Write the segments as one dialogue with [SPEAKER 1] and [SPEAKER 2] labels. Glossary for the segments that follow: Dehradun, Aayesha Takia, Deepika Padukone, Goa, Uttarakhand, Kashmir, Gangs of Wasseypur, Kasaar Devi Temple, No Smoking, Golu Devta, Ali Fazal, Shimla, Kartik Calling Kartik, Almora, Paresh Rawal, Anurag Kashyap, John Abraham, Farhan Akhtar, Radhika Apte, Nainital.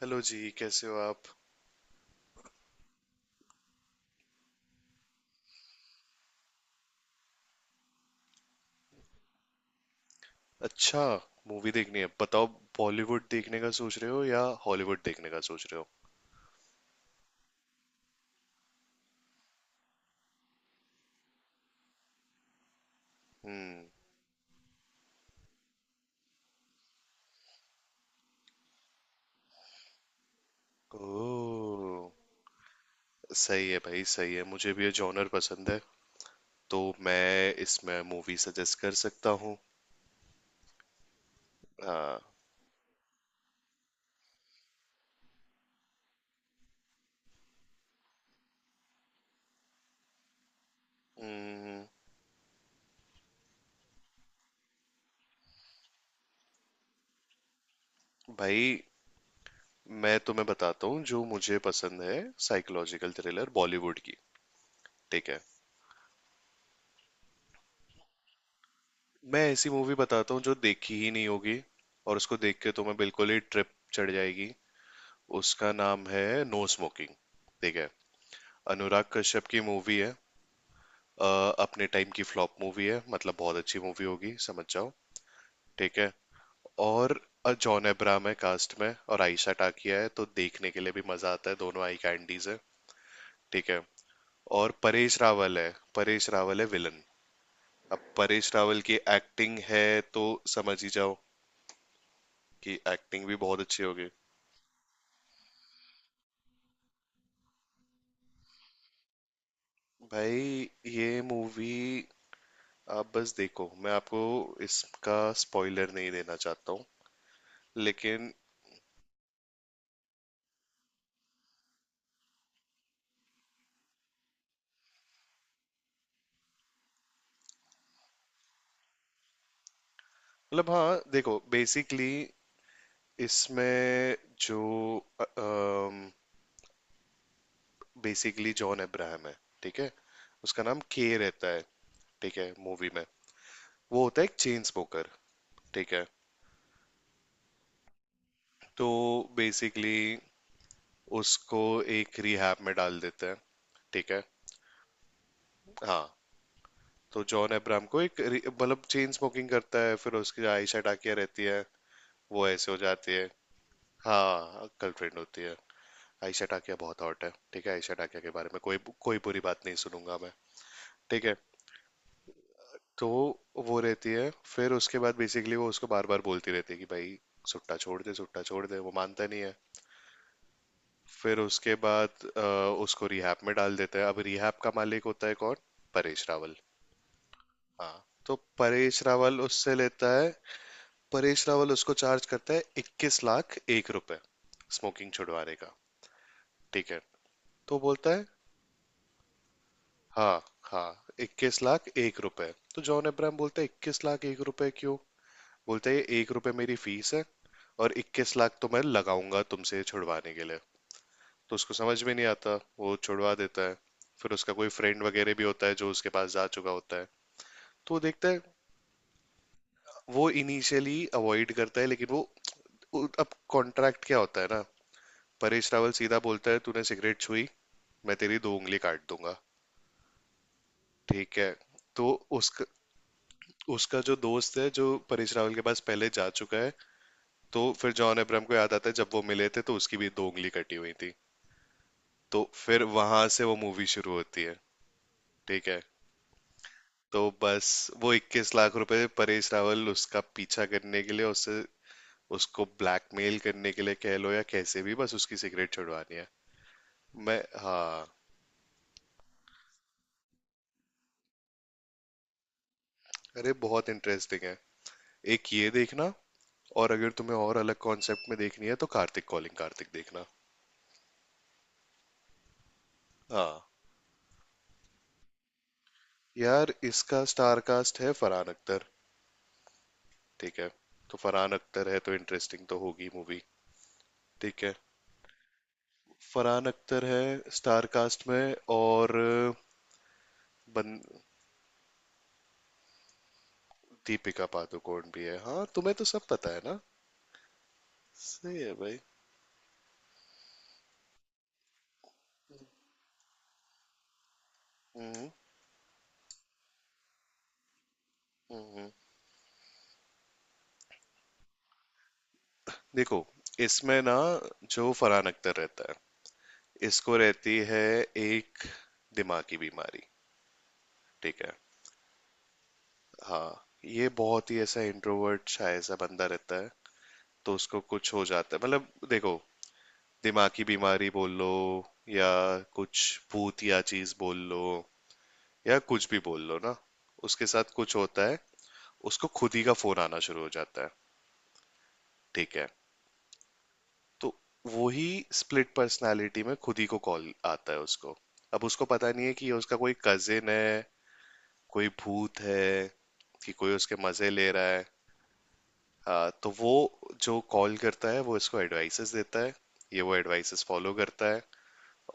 [SPEAKER 1] Hello जी कैसे हो आप। अच्छा। मूवी देखनी है बताओ। बॉलीवुड देखने का सोच रहे हो या हॉलीवुड देखने का सोच रहे हो। हम्म। ओह। सही है भाई सही है, मुझे भी ये जॉनर पसंद है तो मैं इसमें मूवी सजेस्ट कर सकता हूँ। हाँ। हम्म, भाई मैं तुम्हें बताता हूँ जो मुझे पसंद है। साइकोलॉजिकल थ्रिलर बॉलीवुड की। ठीक है। मैं ऐसी मूवी बताता हूँ जो देखी ही नहीं होगी, और उसको देख के तुम्हें बिल्कुल ही ट्रिप चढ़ जाएगी। उसका नाम है नो स्मोकिंग। ठीक है। अनुराग कश्यप की मूवी है। अ, अपने टाइम की फ्लॉप मूवी है, मतलब बहुत अच्छी मूवी होगी समझ जाओ। ठीक है। और जॉन अब्राहम है कास्ट में और आयशा टाकिया है, तो देखने के लिए भी मजा आता है, दोनों आई कैंडीज है। ठीक है। और परेश रावल है। परेश रावल है विलन। अब परेश रावल की एक्टिंग है तो समझ ही जाओ कि एक्टिंग भी बहुत अच्छी होगी। भाई ये मूवी आप बस देखो, मैं आपको इसका स्पॉइलर नहीं देना चाहता हूँ, लेकिन मतलब हाँ देखो, बेसिकली इसमें जो बेसिकली जॉन अब्राहम है। ठीक है। उसका नाम के रहता है। ठीक है मूवी में। वो होता है एक चेन स्मोकर। ठीक है। तो बेसिकली उसको एक रिहैब में डाल देते हैं। ठीक है। हाँ। तो जॉन अब्राहम को एक मतलब चेन स्मोकिंग करता है, फिर उसकी आयशा टाकिया रहती है। वो ऐसे हो जाती है। हाँ कल ट्रेंड होती है। आयशा टाकिया बहुत हॉट है, ठीक है, आयशा टाकिया के बारे में कोई कोई बुरी बात नहीं सुनूंगा मैं। ठीक है। तो वो रहती है फिर उसके बाद बेसिकली वो उसको बार बार बोलती रहती है कि भाई सुट्टा छोड़ दे, सुट्टा छोड़ दे, वो मानता नहीं है। फिर उसके बाद अ, उसको रिहैब में डाल देते हैं। अब रिहैब का मालिक होता है कौन। परेश रावल। हाँ। तो परेश रावल उससे लेता है। परेश रावल उसको चार्ज करता है 21 लाख 1 रुपए स्मोकिंग छुड़वाने का। ठीक है। तो बोलता है। हाँ हाँ, 21 लाख 1 रुपए। तो जॉन अब्राहम बोलता है 21 लाख 1 रुपए क्यों। बोलता है ये 1 रुपए मेरी फीस है, और 21 लाख तो मैं लगाऊंगा तुमसे छुड़वाने के लिए। तो उसको समझ में नहीं आता, वो छुड़वा देता है। फिर उसका कोई फ्रेंड वगैरह भी होता है जो उसके पास जा चुका होता है। तो वो देखता है। वो इनिशियली अवॉइड करता है, लेकिन वो अब कॉन्ट्रैक्ट क्या होता है ना। परेश रावल सीधा बोलता है, तूने सिगरेट छुई मैं तेरी दो उंगली काट दूंगा। ठीक है। तो उसका उसका जो दोस्त है जो परेश रावल के पास पहले जा चुका है। तो फिर जॉन अब्राहम को याद आता है, जब वो मिले थे तो उसकी भी दो उंगली कटी हुई थी। तो फिर वहां से वो मूवी शुरू होती है। ठीक है। तो बस वो 21 लाख रुपए परेश रावल उसका पीछा करने के लिए उससे, उसको ब्लैकमेल करने के लिए कह लो या कैसे भी, बस उसकी सिगरेट छुड़वानी है। मैं हाँ। अरे बहुत इंटरेस्टिंग है। एक ये देखना, और अगर तुम्हें और अलग कॉन्सेप्ट में देखनी है तो कार्तिक कॉलिंग कार्तिक देखना। हाँ यार, इसका स्टार कास्ट है फरहान अख्तर। ठीक है। तो फरहान अख्तर है तो इंटरेस्टिंग तो होगी मूवी। ठीक है। फरहान अख्तर है स्टार कास्ट में, और बन दीपिका पादुकोण भी है। हाँ तुम्हें तो सब पता है ना। सही है भाई। हम्म। हम्म। देखो इसमें ना जो फरहान अख्तर रहता है, इसको रहती है एक दिमागी बीमारी। ठीक है। हाँ, ये बहुत ही ऐसा इंट्रोवर्ट शाय सा बंदा रहता है। तो उसको कुछ हो जाता है, मतलब देखो, दिमागी बीमारी बोल लो, या कुछ भूत या चीज बोल लो, या कुछ भी बोल लो ना। उसके साथ कुछ होता है। उसको खुद ही का फोन आना शुरू हो जाता है। ठीक है। तो वही स्प्लिट पर्सनालिटी में खुद ही को कॉल आता है उसको। अब उसको पता नहीं है कि ये उसका कोई कजिन है, कोई भूत है, कि कोई उसके मजे ले रहा है। हाँ। तो वो जो कॉल करता है वो इसको एडवाइसेस देता है। ये वो एडवाइसेस फॉलो करता है,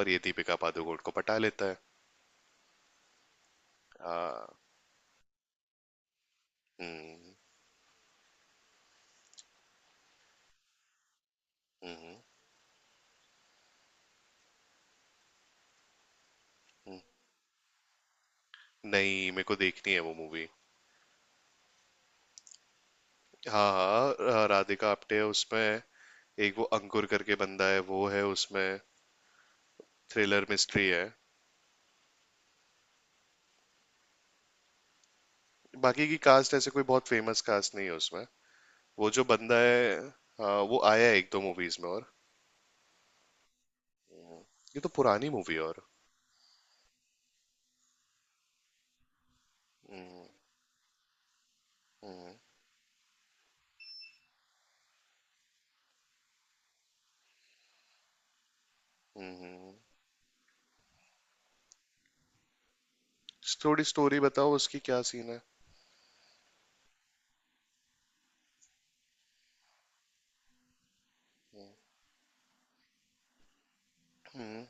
[SPEAKER 1] और ये दीपिका पादुकोण को पटा लेता है। हाँ। हम्म। हम्म। हम्म। नहीं मेरे को देखनी है वो मूवी। हाँ हाँ, राधिका आप्टे है उसमें। एक वो अंकुर करके बंदा है, वो है उसमें। थ्रिलर मिस्ट्री है। बाकी की कास्ट ऐसे कोई बहुत फेमस कास्ट नहीं है उसमें। वो जो बंदा है। हाँ वो आया है एक दो मूवीज में और। ये तो पुरानी मूवी है और। हम्म। हम्म। हम्म। हम्म। थोड़ी स्टोरी बताओ उसकी क्या सीन है। हम्म।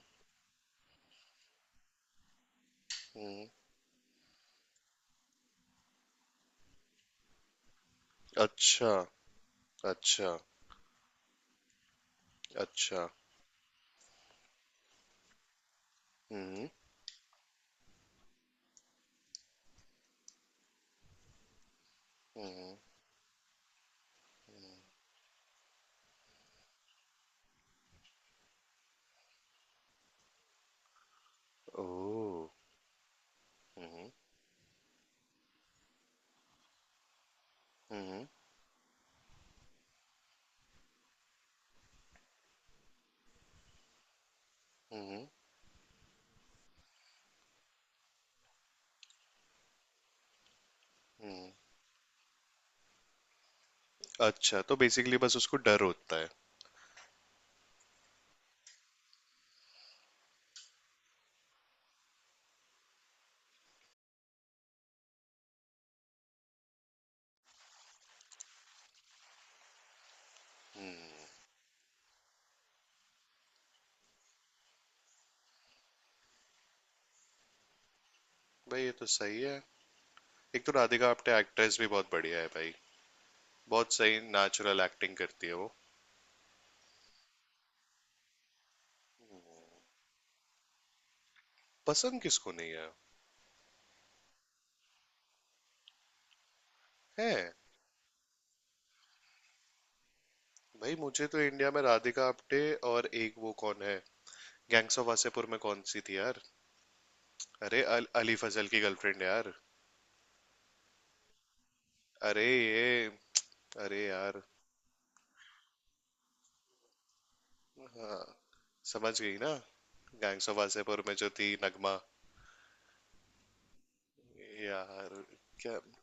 [SPEAKER 1] हम्म। अच्छा अच्छा अच्छा। हम्म। हम्म। ओह। हम्म। हम्म। हम्म। हम्म। अच्छा तो बेसिकली बस उसको डर होता है। भाई ये तो सही है। एक तो राधिका आप्टे एक्ट्रेस भी बहुत बढ़िया है भाई। बहुत सही नेचुरल एक्टिंग करती है वो। पसंद किसको नहीं है। है भाई, मुझे तो इंडिया में राधिका आप्टे और एक वो कौन है, गैंग्स ऑफ वासेपुर में कौन सी थी यार। अरे अली फजल की गर्लफ्रेंड यार। अरे ये, अरे यार। हाँ। समझ गई ना। गैंग्स ऑफ वासेपुर में जो थी नगमा यार। क्या।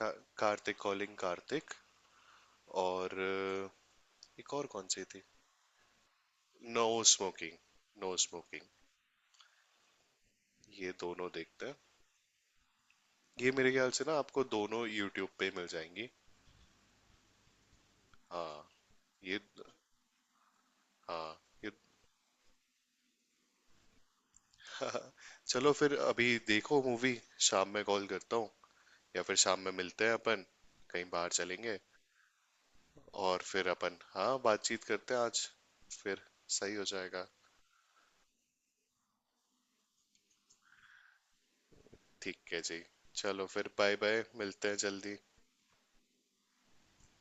[SPEAKER 1] का, कार्तिक कॉलिंग कार्तिक। और एक और कौन सी थी। No smoking. No smoking. ये दोनों देखते हैं। ये मेरे ख्याल से ना आपको दोनों यूट्यूब पे मिल जाएंगी। हाँ। ये। हाँ। ये। हाँ, चलो फिर अभी देखो मूवी। शाम में कॉल करता हूँ, या फिर शाम में मिलते हैं अपन, कहीं बाहर चलेंगे। और फिर अपन हाँ बातचीत करते हैं आज, फिर सही हो जाएगा। ठीक है जी। चलो फिर बाय बाय, मिलते हैं जल्दी।